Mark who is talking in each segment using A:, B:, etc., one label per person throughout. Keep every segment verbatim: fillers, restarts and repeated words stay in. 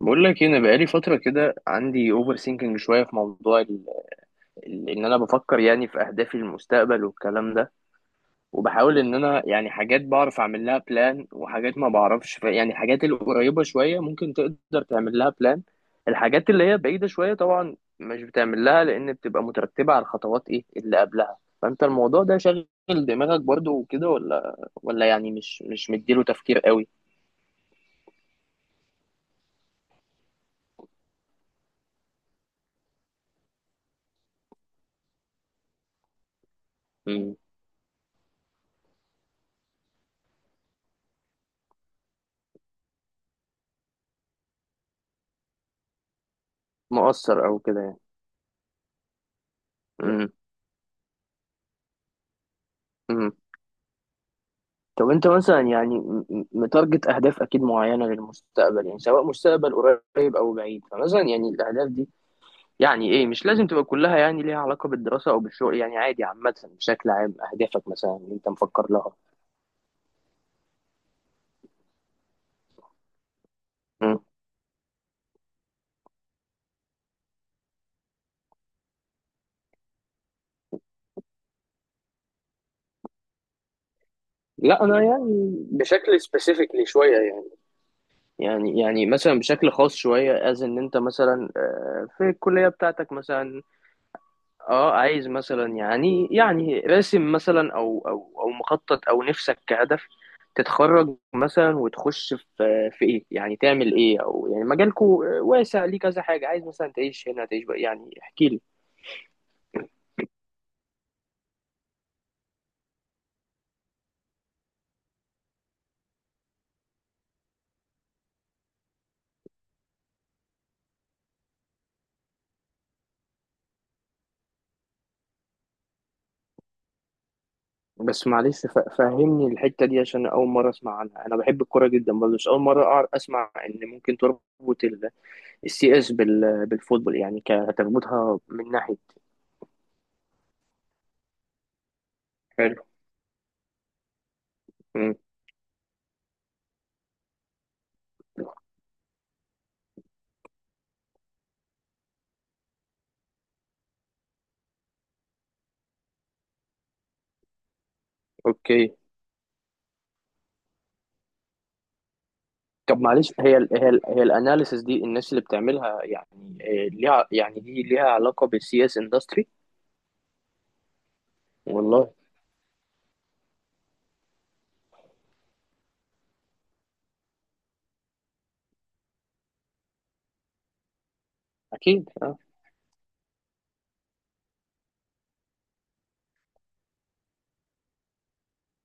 A: بقول لك إيه، انا بقالي فتره كده عندي اوفر سينكينج شويه في موضوع ال... ال- ان انا بفكر يعني في اهدافي للمستقبل والكلام ده. وبحاول ان انا يعني حاجات بعرف اعمل لها بلان، وحاجات ما بعرفش، ف... يعني الحاجات القريبه شويه ممكن تقدر تعمل لها بلان. الحاجات اللي هي بعيده شويه طبعا مش بتعمل لها، لان بتبقى مترتبه على الخطوات ايه اللي قبلها. فانت الموضوع ده شاغل دماغك برضو وكده، ولا ولا يعني مش مش مديله تفكير قوي؟ مم. مؤثر او كده يعني. مم. طب انت مثلا يعني م- م- متارجت اهداف اكيد معينه للمستقبل، يعني سواء مستقبل قريب او بعيد. فمثلا يعني الاهداف دي يعني ايه؟ مش لازم تبقى كلها يعني ليها علاقه بالدراسه او بالشغل، يعني عادي، عامه بشكل عام اهدافك مثلا اللي انت مفكر لها. مم. لا، انا يعني بشكل سبيسيفيكلي شويه يعني يعني يعني مثلا بشكل خاص شويه، از ان انت مثلا آه، في الكليه بتاعتك مثلا. اه عايز مثلا يعني يعني راسم مثلا او او او مخطط، او نفسك كهدف تتخرج مثلا وتخش في في ايه، يعني تعمل ايه؟ او يعني مجالكو واسع ليه كذا حاجه، عايز مثلا تعيش هنا، تعيش بقى؟ يعني احكي لي. بس معلش، ف- فهمني الحته دي عشان اول مره اسمع عنها. انا بحب الكوره جدا برضه، مش اول مره أعر- اسمع ان ممكن تربط السي اس بالفوتبول. يعني كتربطها من ناحيه؟ حلو. مم. اوكي. طب معلش، هي ال هي ال هي الاناليسيس دي الناس اللي بتعملها يعني آه، ليها يعني، دي ليها علاقة بالسي اس اندستري؟ والله. اكيد اه.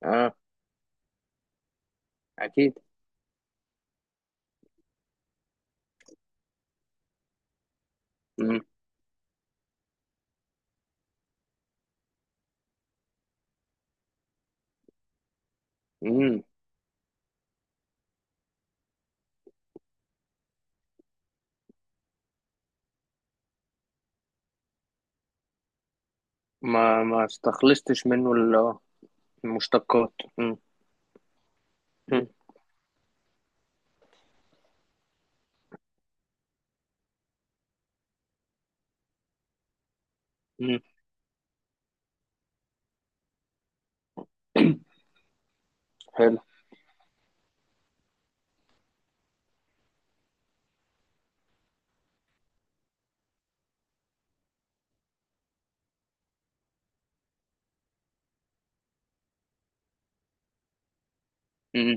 A: اه اكيد امم امم ما ما استخلصتش منه ال- المشتقات امم امم أمم. حلو امم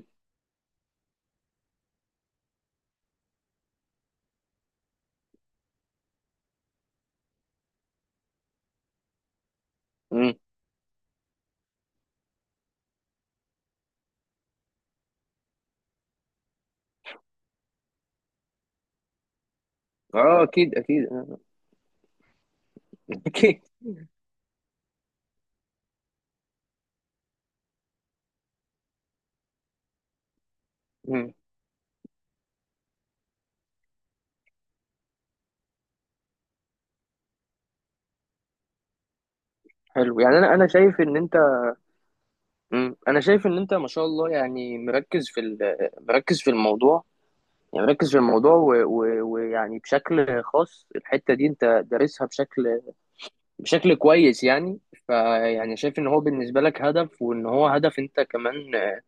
A: امم اه اكيد اكيد آه. اكيد. أمم. حلو، يعني انا انا شايف ان انت أمم. انا شايف ان انت ما شاء الله، يعني مركز في ال- مركز في الموضوع. يعني مركز في الموضوع، و- و- ويعني بشكل خاص الحتة دي انت دارسها بشكل بشكل كويس يعني. فيعني شايف ان هو بالنسبة لك هدف، وان هو هدف انت كمان آه،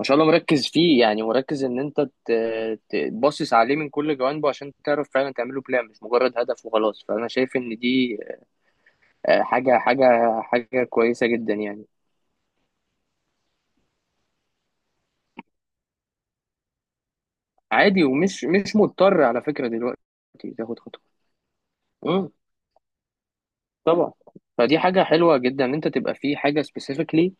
A: ما شاء الله مركز فيه، يعني مركز ان انت ت- تبصص عليه من كل جوانبه عشان تعرف فعلا تعمله بلان، مش مجرد هدف وخلاص. فانا شايف ان دي آه، حاجة حاجة حاجة كويسة جدا يعني. عادي، ومش مش مضطر على فكرة دلوقتي تاخد خطوة. مم، طبعا. فدي حاجة حلوة جدا، ان انت تبقى في حاجة specifically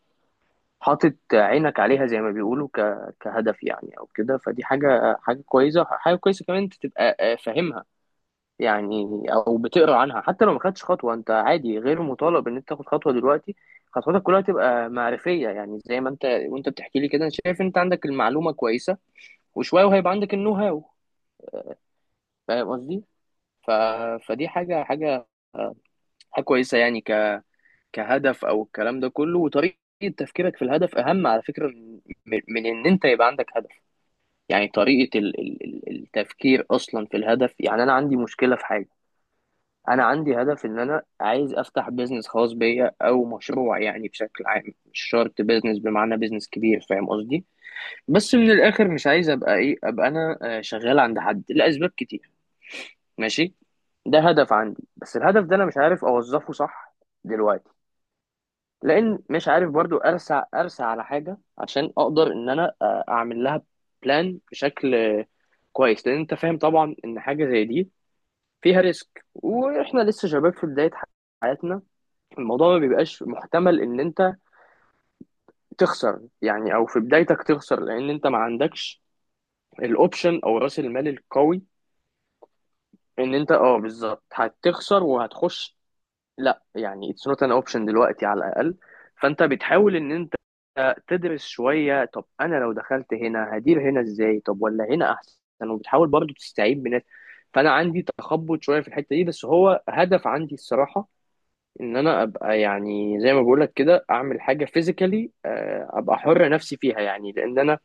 A: حاطط عينك عليها، زي ما بيقولوا، ك- كهدف يعني او كده. فدي حاجه حاجه كويسه حاجه كويسه كمان، انت تبقى آه، فاهمها يعني، او بتقرا عنها. حتى لو ما خدتش خطوه، انت عادي غير مطالب ان انت تاخد خطوه دلوقتي. خطواتك كلها تبقى معرفيه يعني، زي ما انت وانت بتحكي لي كده انا شايف انت عندك المعلومه كويسه، وشويه وهيبقى عندك النو هاو. فاهم قصدي؟ ف... فدي حاجه حاجه حاجه كويسه يعني، ك... كهدف او الكلام ده كله. وطريقه تفكيرك في الهدف اهم على فكره، من من ان انت يبقى عندك هدف. يعني طريقة ال- ال- ال- التفكير أصلا في الهدف. يعني أنا عندي مشكلة في حاجة، أنا عندي هدف إن أنا عايز أفتح بيزنس خاص بيا أو مشروع، يعني بشكل عام مش شرط بيزنس بمعنى بيزنس كبير، فاهم قصدي؟ بس من الآخر مش عايز أبقى إيه، أبقى أنا آه، شغال عند حد لأسباب كتير. ماشي. ده هدف عندي، بس الهدف ده أنا مش عارف أوظفه صح دلوقتي. لأن مش عارف برضو أرسع أرسع على حاجة عشان أقدر إن أنا آه، أعمل لها بلان بشكل كويس. لان انت فاهم طبعا ان حاجه زي دي فيها ريسك، واحنا لسه شباب في بدايه حياتنا. الموضوع ما بيبقاش محتمل ان انت تخسر، يعني او في بدايتك تخسر، لان انت ما عندكش الاوبشن او راس المال القوي. ان انت اه بالظبط هتخسر وهتخش، لا يعني اتس نوت ان اوبشن دلوقتي على الاقل. فانت بتحاول ان انت تدرس شويه، طب انا لو دخلت هنا هدير هنا ازاي، طب ولا هنا احسن، وبتحاول برضو تستعيد بناس. فانا عندي تخبط شويه في الحته دي، بس هو هدف عندي الصراحه، ان انا ابقى يعني زي ما بقول لك كده اعمل حاجه فيزيكالي، ابقى حر نفسي فيها يعني، لان انا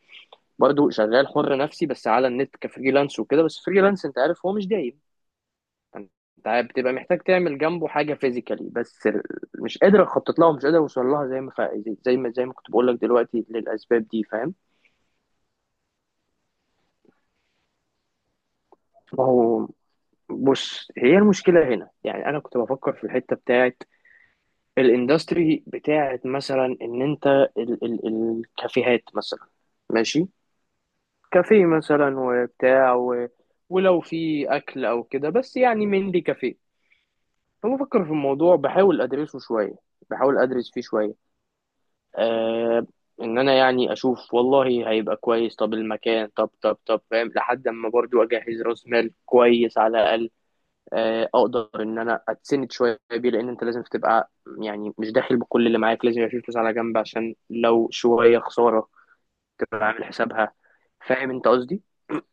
A: برضو شغال حر نفسي بس على النت كفريلانس وكده. بس فريلانس انت عارف هو مش دايم، انت عارف بتبقى محتاج تعمل جنبه حاجه فيزيكالي، بس ال- مش قادر اخطط لها، ومش قادر اوصل لها زي ما فا- زي ما زي ما كنت بقول لك دلوقتي للاسباب دي، فاهم؟ ما هو بص، هي المشكله هنا يعني، انا كنت بفكر في الحته بتاعت الاندستري، بتاعت مثلا ان انت ال ال الكافيهات مثلا. ماشي. كافيه مثلا، وبتاع، و ولو في اكل او كده. بس يعني مين لي كافيه؟ فبفكر في الموضوع، بحاول ادرسه شويه، بحاول ادرس فيه شويه آه ان انا يعني اشوف والله هيبقى كويس، طب المكان، طب طب طب فاهم، لحد اما برضو اجهز راس مال كويس على الاقل. آه اقدر ان انا اتسند شويه بيه، لان انت لازم تبقى يعني مش داخل بكل اللي معاك، لازم يبقى في فلوس على جنب عشان لو شويه خساره تبقى عامل حسابها، فاهم انت قصدي؟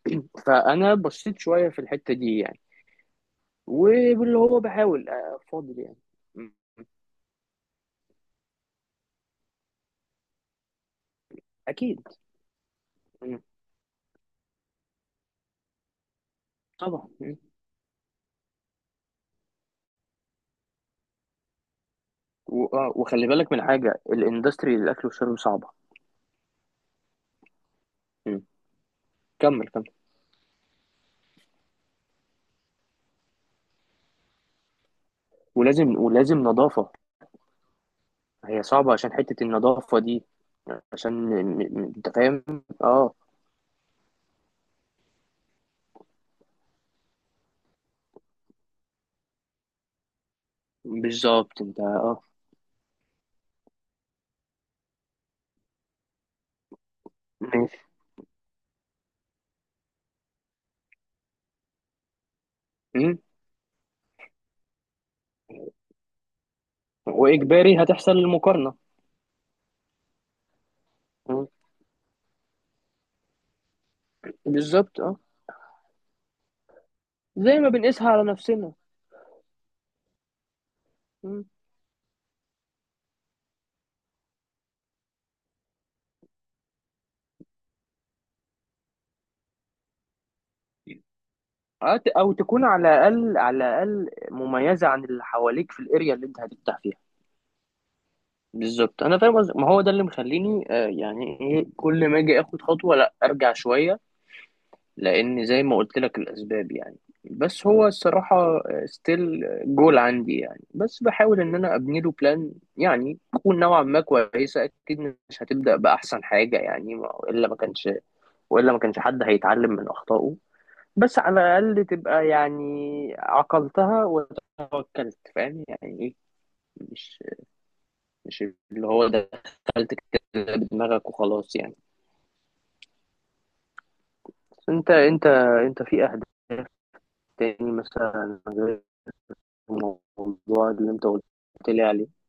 A: فانا بصيت شويه في الحته دي يعني، واللي هو بحاول افاضل يعني. م. اكيد. م. طبعا. و- آه، وخلي بالك من حاجة، الاندستري للأكل والشرب صعبة. مم. كمل كمل. ولازم ولازم نظافة. هي صعبة عشان حتة النظافة دي، عشان م- م- انت فاهم. اه بالظبط انت اه. ماشي. مم. وإجباري هتحصل المقارنة. مم. بالظبط اه. زي ما بنقيسها على نفسنا. مم. آه، ت- أو تكون على الأقل على الأقل مميزة عن اللي حواليك في الأريا اللي أنت هتفتح فيها. بالظبط، انا فاهم قصدك. ما هو ده اللي مخليني آه، يعني ايه، كل ما اجي اخد خطوه لا ارجع شويه، لان زي ما قلت لك الاسباب يعني. بس هو الصراحه ستيل جول عندي يعني، بس بحاول ان انا ابني له بلان يعني تكون نوعا ما كويسه، اكيد مش هتبدا باحسن حاجه يعني، ما- والا ما كانش والا ما كانش حد هيتعلم من اخطائه. بس على الاقل تبقى يعني عقلتها وتوكلت، فاهم يعني ايه؟ مش مش اللي هو دخلت كده بدماغك وخلاص يعني. انت، انت انت في اهداف تاني مثلا غير الموضوع اللي انت قلت لي عليه.